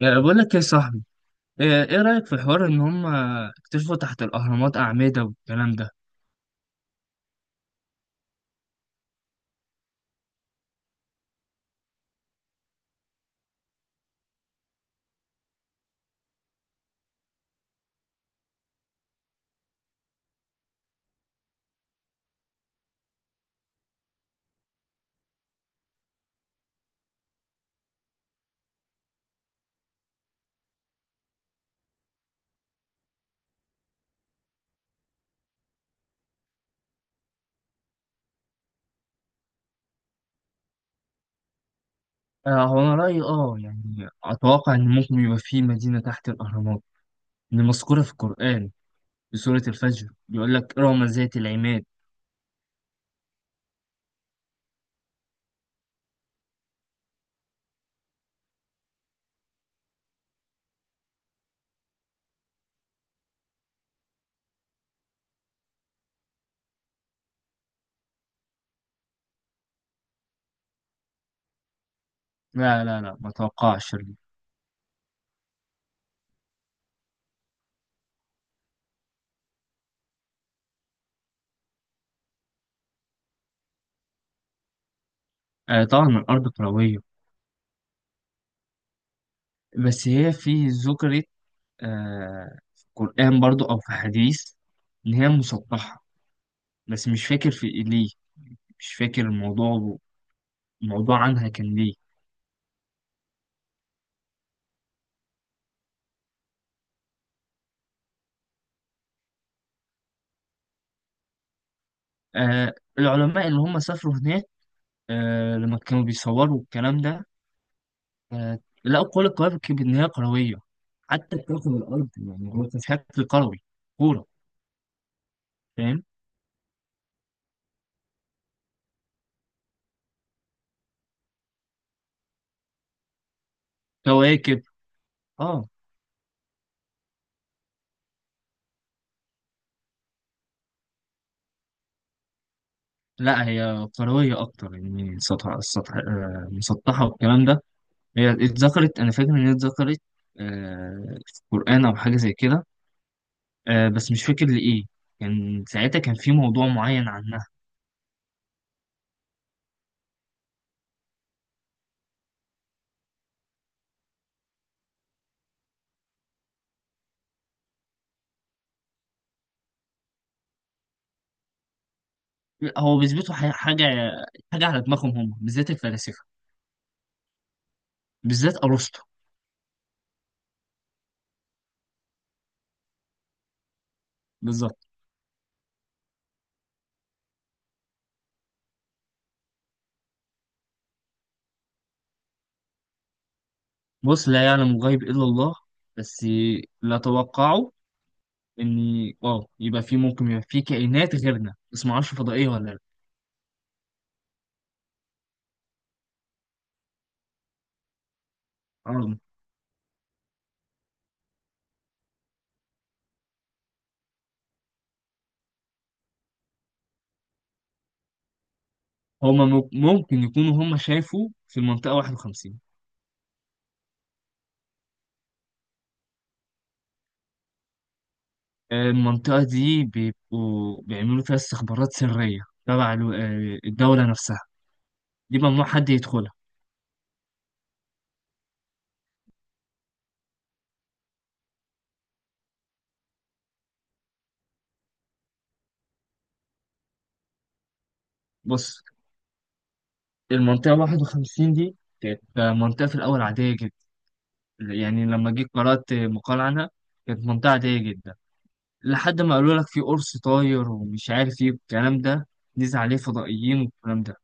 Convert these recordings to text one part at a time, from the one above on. يعني بقول لك يا صاحبي. إيه رأيك في حوار ان هم اكتشفوا تحت الاهرامات اعمدة والكلام ده؟ آه، هو انا رأيي يعني اتوقع ان ممكن يبقى في مدينة تحت الاهرامات اللي مذكورة في القرآن في سورة الفجر. بيقول لك رغم ذات العماد. لا لا لا ما اتوقعش. آه طبعا الارض كروية. بس هي في ذكرت، في القرآن برضو او في حديث، ان هي مسطحة. بس مش فاكر في إيه، ليه. مش فاكر الموضوع، الموضوع عنها كان ليه. آه، العلماء اللي هم سافروا هناك، لما كانوا بيصوروا الكلام ده آه لقوا كل الكواكب إن هي كروية. حتى كوكب الأرض يعني هو كان شكل كروي، كورة. فاهم؟ كواكب. اه لا هي كروية أكتر، يعني سطح السطح مسطحة والكلام ده. هي اتذكرت، أنا فاكر إن هي اتذكرت في القرآن أو حاجة زي كده. بس مش فاكر لإيه. كان ساعتها كان في موضوع معين عنها. هو بيثبتوا حاجة على دماغهم، هم بالذات الفلاسفة، بالذات ارسطو. بالظبط. بص، لا يعلم الغيب الا الله. بس لا توقعوا ان اه يبقى في ممكن يبقى في كائنات غيرنا، بس ما اعرفش فضائيه ولا لا. أرض. هما ممكن يكونوا هما شافوا في المنطقه 51. آه، المنطقه دي بيبقوا بيعملوا فيها استخبارات سريه تبع الدوله نفسها. دي ممنوع حد يدخلها. بص، المنطقه 51 دي كانت منطقه في الاول عاديه جدا، يعني لما جيت قرات مقال عنها. كانت منطقه عاديه جدا، لحد ما قالوا لك في قرص طاير ومش عارف ايه والكلام ده، نزل عليه فضائيين والكلام ده،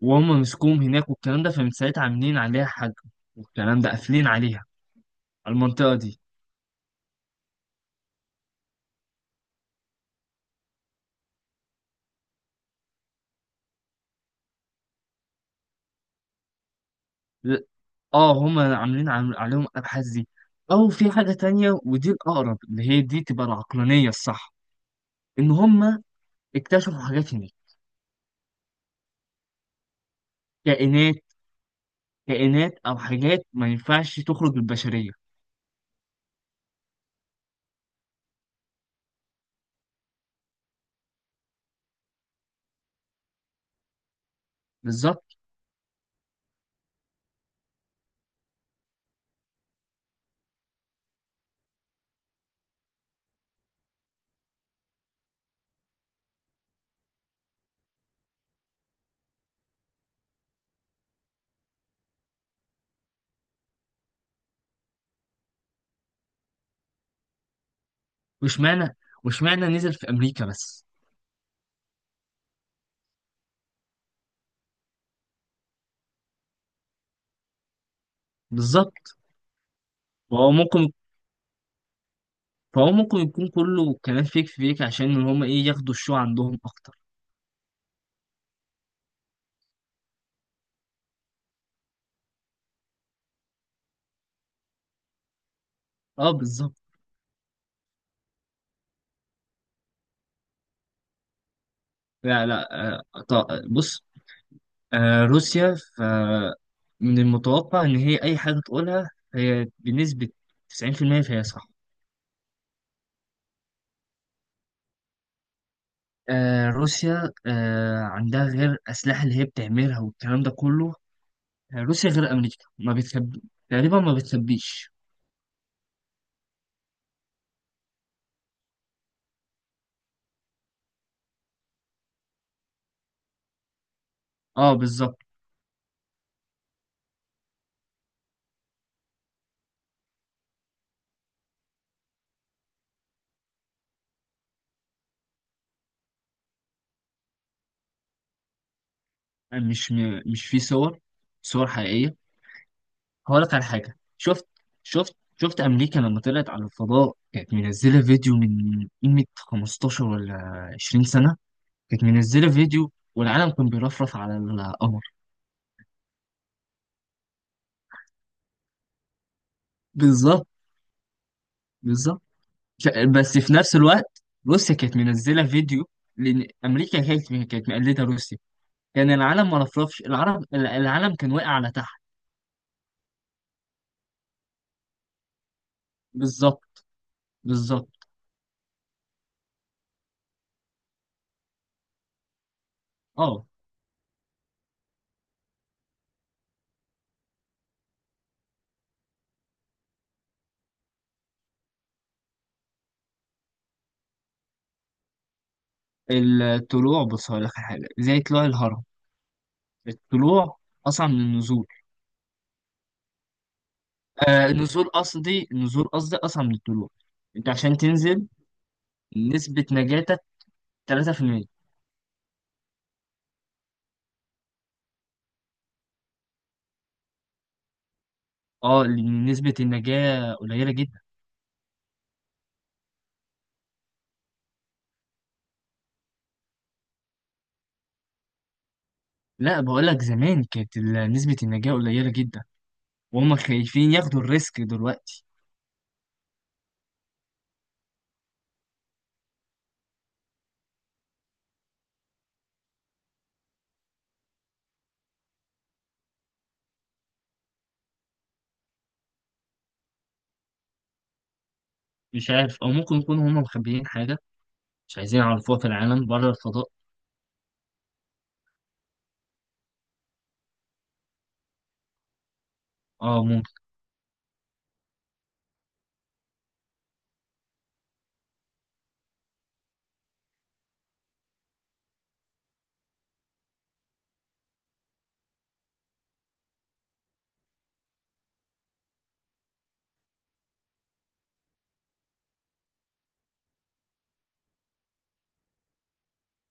وهم مسكوهم هناك والكلام ده، فمن ساعتها عاملين عليها حاجة والكلام ده، قافلين عليها المنطقة دي. ل- اه هم عاملين عليهم الأبحاث دي، أو في حاجة تانية ودي الأقرب اللي هي دي تبقى العقلانية الصح، إن هم اكتشفوا حاجات هناك. كائنات كائنات أو حاجات ما ينفعش تخرج البشرية. بالظبط. واشمعنى واشمعنى نزل في أمريكا بس. بالظبط. وهو ممكن فهو ممكن يكون كله كلام فيك فيك عشان ان هم ايه ياخدوا الشو عندهم اكتر. اه بالظبط. لا لا بص. روسيا، من المتوقع ان هي اي حاجه تقولها هي بنسبه 90% فهي صح. آه روسيا عندها غير الاسلحه اللي هي بتعملها والكلام ده كله. آه روسيا غير امريكا ما بتخبي، تقريبا ما بتخبيش. اه بالظبط. آه، مش في صور، صور حقيقيه. هقول لك على حاجة. شفت أمريكا لما طلعت على الفضاء كانت منزلة فيديو من قيمة 15 ولا 20 سنة، كانت منزلة فيديو والعالم كان بيرفرف على القمر. بالظبط. بالظبط. ش- بس في نفس الوقت روسيا كانت منزلة فيديو، لأن أمريكا كانت مقلدة روسيا، كان العالم ما رفرفش، العالم كان واقع على تحت. بالظبط. بالظبط. اه الطلوع، بص هقول لك على حاجة زي طلوع الهرم. الطلوع أصعب من النزول. النزول، قصدي النزول، قصدي أصعب من الطلوع. أنت عشان تنزل نسبة نجاتك 3%. أه لأن نسبة النجاة قليلة جدا. لا بقول لك، زمان كانت نسبة النجاة قليلة جدا، وهم خايفين ياخدوا الريسك دلوقتي. مش عارف، أو ممكن يكونوا هم مخبيين حاجة مش عايزين يعرفوها في العالم بره الفضاء. أه ممكن.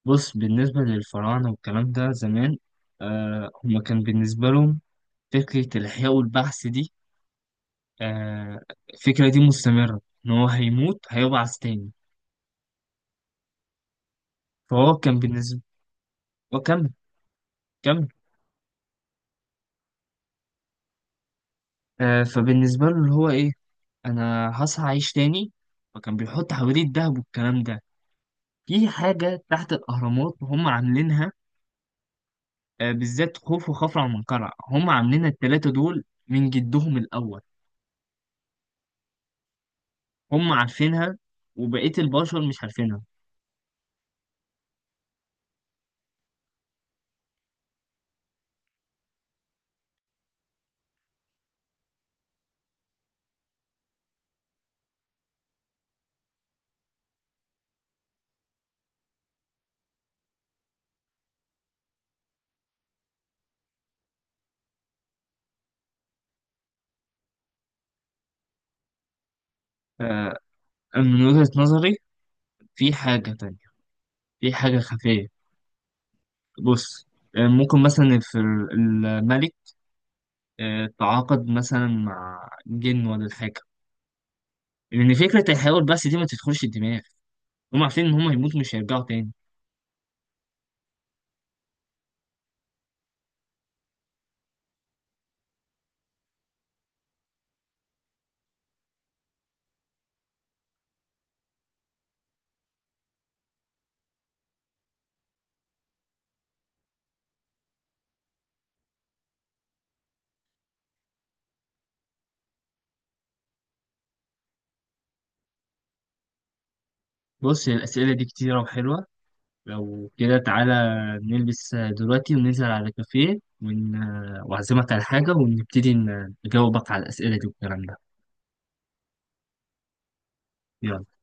بص، بالنسبة للفراعنة والكلام ده زمان، هم كان بالنسبة لهم فكرة الإحياء والبعث دي، آه، الفكرة دي مستمرة إن هو هيموت هيبعث تاني. فهو كان بالنسبة. وكمل كمل. فبالنسبة له اللي هو إيه، أنا هصحى أعيش تاني، فكان بيحط حواليه الدهب والكلام ده. في حاجة تحت الأهرامات هم عاملينها، بالذات خوف وخفرع ومنقرع، هم عاملينها التلاتة دول من جدهم الأول. هم عارفينها وبقية البشر مش عارفينها. آه، من وجهة نظري في حاجة تانية، في حاجة خفية. بص، ممكن مثلا في الملك تعاقد مثلا مع جن ولا حاجة، لأن فكرة الحيوان بس دي ما تدخلش الدماغ. هم عارفين إن هم هيموتوا مش هيرجعوا تاني. بص، الأسئلة دي كتيرة وحلوة. لو كده تعالى نلبس دلوقتي وننزل على كافيه وأعزمك على حاجة ونبتدي نجاوبك على الأسئلة دي والكلام ده. يلا.